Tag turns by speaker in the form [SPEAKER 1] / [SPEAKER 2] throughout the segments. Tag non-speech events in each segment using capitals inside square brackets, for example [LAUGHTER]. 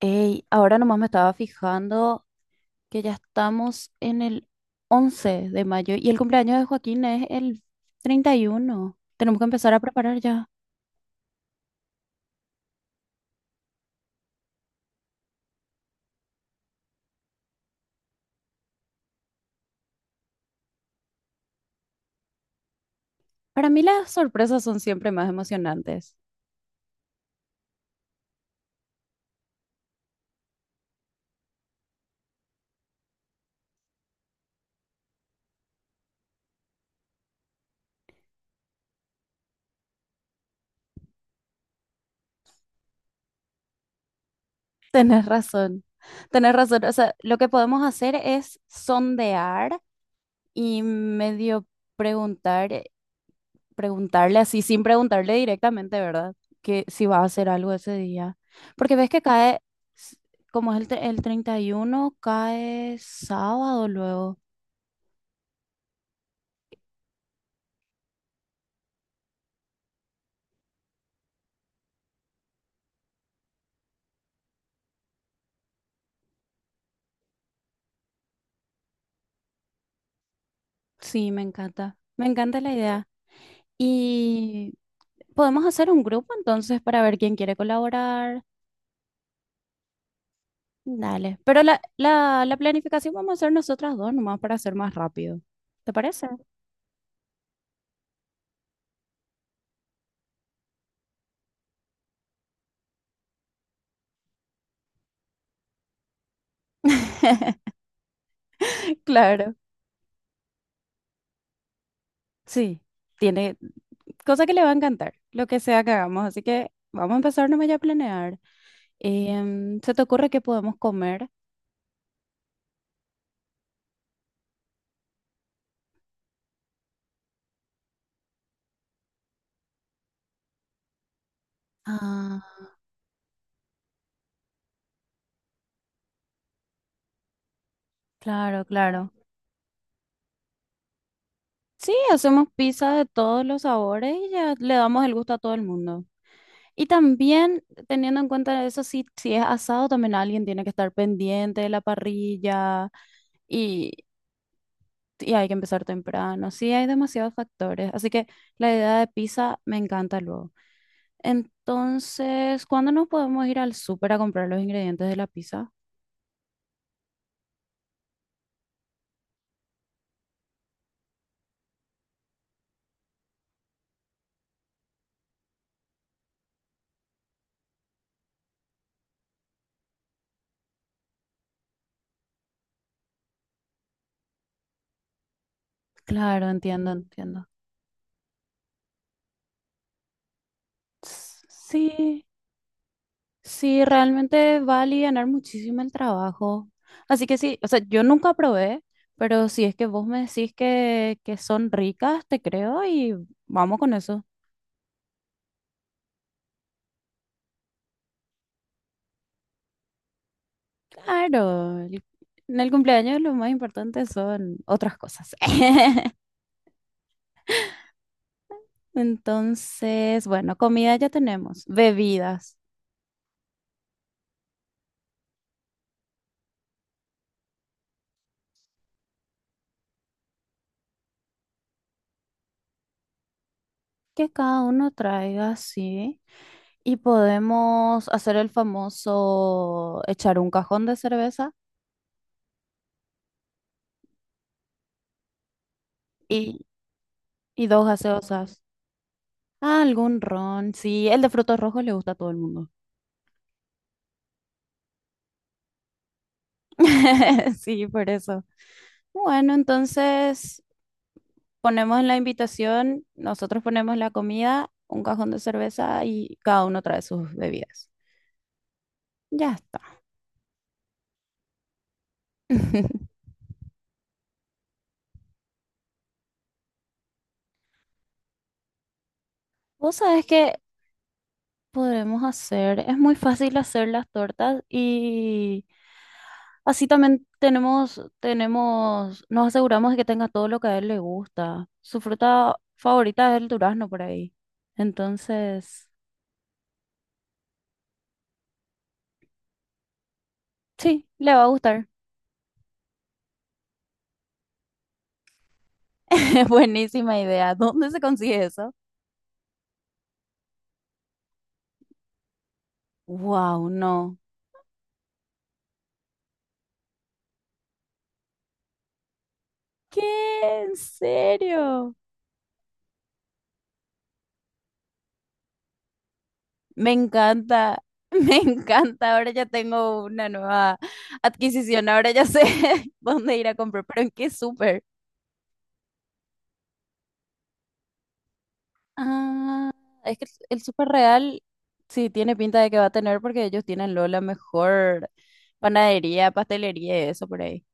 [SPEAKER 1] Ey, ahora nomás me estaba fijando que ya estamos en el 11 de mayo y el cumpleaños de Joaquín es el 31. Tenemos que empezar a preparar ya. Para mí las sorpresas son siempre más emocionantes. [LAUGHS] Tenés razón, tenés razón. O sea, lo que podemos hacer es sondear y medio preguntar. Preguntarle así, sin preguntarle directamente, ¿verdad? Que si va a hacer algo ese día. Porque ves que cae, s- como es el treinta y uno, cae sábado luego. Sí, me encanta. Me encanta la idea. Y podemos hacer un grupo entonces para ver quién quiere colaborar. Dale. Pero la planificación vamos a hacer nosotras dos nomás para hacer más rápido. ¿Te parece? [LAUGHS] Claro. Sí. Tiene. Cosa que le va a encantar, lo que sea que hagamos. Así que vamos a empezar nomás ya a planear. ¿Se te ocurre qué podemos comer? Ah, claro, claro. Sí, hacemos pizza de todos los sabores y ya le damos el gusto a todo el mundo. Y también, teniendo en cuenta eso, si, si es asado, también alguien tiene que estar pendiente de la parrilla y, y hay que empezar temprano. Sí, hay demasiados factores. Así que la idea de pizza me encanta luego. Entonces, ¿cuándo nos podemos ir al súper a comprar los ingredientes de la pizza? Claro, entiendo, entiendo. S- Sí, sí, realmente va a alivianar muchísimo el trabajo. Así que sí, o sea, yo nunca probé, pero si es que vos me decís que son ricas, te creo y vamos con eso. Claro, en el cumpleaños lo más importante son otras cosas. [LAUGHS] Entonces, bueno, comida ya tenemos, bebidas. Que cada uno traiga, sí, y podemos hacer el famoso echar un cajón de cerveza y, y dos gaseosas. Ah, algún ron, sí, el de frutos rojos le gusta a todo el mundo. [LAUGHS] Sí, por eso. Bueno, entonces ponemos en la invitación, nosotros ponemos la comida, un cajón de cerveza y cada uno trae sus bebidas. Ya está. [LAUGHS] ¿Vos sabés que podremos hacer? Es muy fácil hacer las tortas y así también tenemos, nos aseguramos de que tenga todo lo que a él le gusta. Su fruta favorita es el durazno por ahí. Entonces, sí, le va a gustar. [LAUGHS] Buenísima idea. ¿Dónde se consigue eso? Wow, no. ¿Qué? ¿En serio? Me encanta, [LAUGHS] me encanta. Ahora ya tengo una nueva adquisición. Ahora ya sé [LAUGHS] dónde ir a comprar, pero ¿en qué súper? Ah, es que el Súper Real sí tiene pinta de que va a tener porque ellos tienen lo la mejor panadería, pastelería y eso por ahí.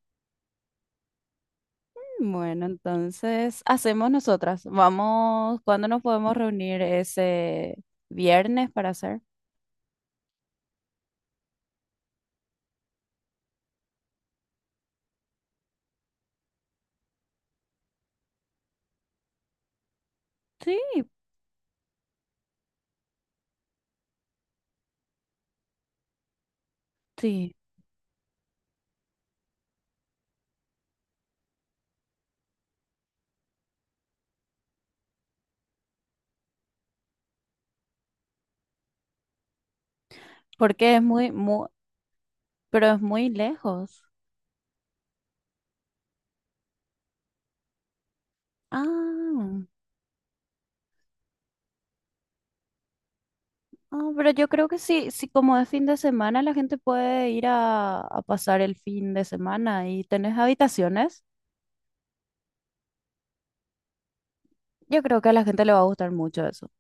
[SPEAKER 1] Bueno, entonces hacemos nosotras. Vamos, ¿cuándo nos podemos reunir ese viernes para hacer? Sí, sí, porque es muy, muy, pero es muy lejos. Ah. Ah, pero yo creo que sí, sí, como es fin de semana, la gente puede ir a pasar el fin de semana y tenés habitaciones. Yo creo que a la gente le va a gustar mucho eso.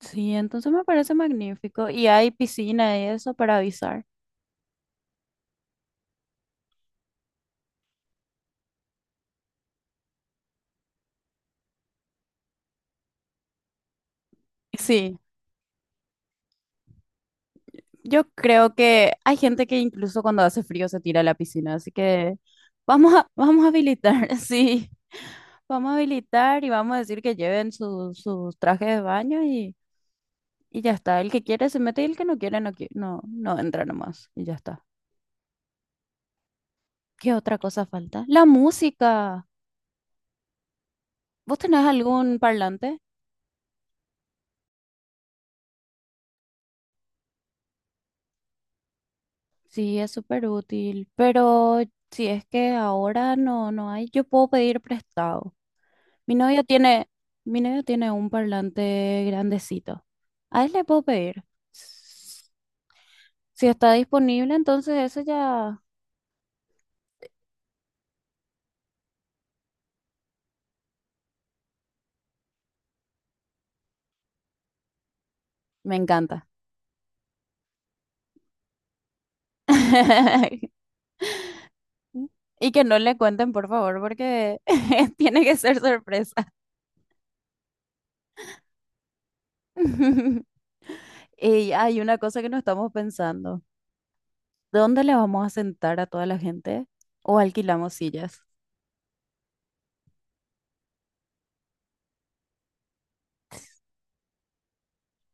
[SPEAKER 1] Sí, entonces me parece magnífico. Y hay piscina y eso para avisar. Sí, yo creo que hay gente que incluso cuando hace frío se tira a la piscina, así que vamos a, [LAUGHS] vamos a habilitar, [LAUGHS] sí. Vamos a habilitar y vamos a decir que lleven sus sus trajes de baño y... Y ya está, el que quiere se mete y el que no quiere no, no, no entra nomás. Y ya está. ¿Qué otra cosa falta? La música. ¿Vos tenés algún parlante? Sí, es súper útil, pero si es que ahora no, no hay, yo puedo pedir prestado. Mi novio tiene, mi novio tiene un parlante grandecito. A él le puedo pedir. S- Si está disponible, entonces eso ya me encanta. [LAUGHS] Y que no le cuenten, por favor, porque [LAUGHS] tiene que ser sorpresa. [LAUGHS] Y hay una cosa que no estamos pensando. ¿Dónde le vamos a sentar a toda la gente? ¿O alquilamos sillas?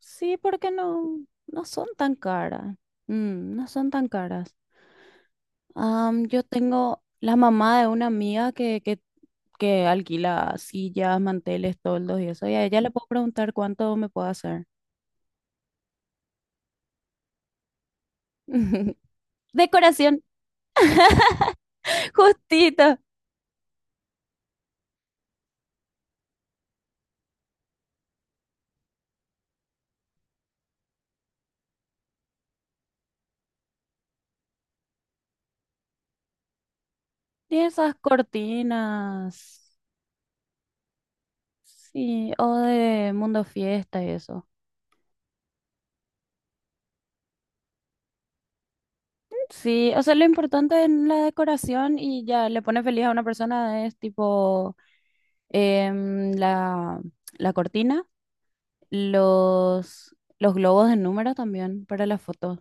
[SPEAKER 1] Sí, porque no, no son tan caras. Mm, no son tan caras. Yo tengo la mamá de una amiga que alquila sillas, manteles, toldos y eso. Y a ella le puedo preguntar cuánto me puede hacer. [LAUGHS] Decoración. [LAUGHS] Justito. Y esas cortinas. Sí, o de Mundo Fiesta y eso. Sí, o sea, lo importante en la decoración y ya le pone feliz a una persona es tipo em, la, la cortina, los globos de número también para las fotos.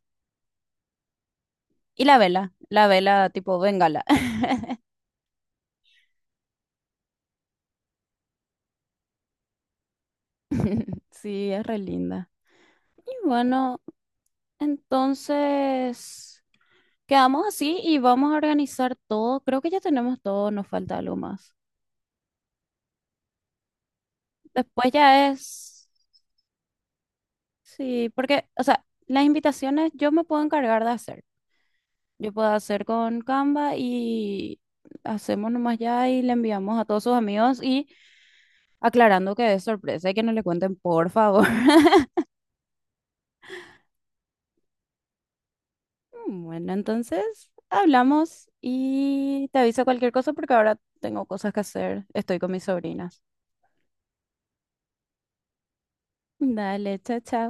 [SPEAKER 1] Y la vela tipo bengala. [LAUGHS] Sí, es re linda. Y bueno, entonces. Quedamos así y vamos a organizar todo. Creo que ya tenemos todo, nos falta algo más. Después ya es, sí, porque, o sea, las invitaciones yo me puedo encargar de hacer. Yo puedo hacer con Canva y hacemos nomás ya y le enviamos a todos sus amigos y aclarando que es sorpresa y que no le cuenten, por favor. [LAUGHS] Bueno, entonces hablamos y te aviso cualquier cosa porque ahora tengo cosas que hacer. Estoy con mis sobrinas. Dale, chao, chao.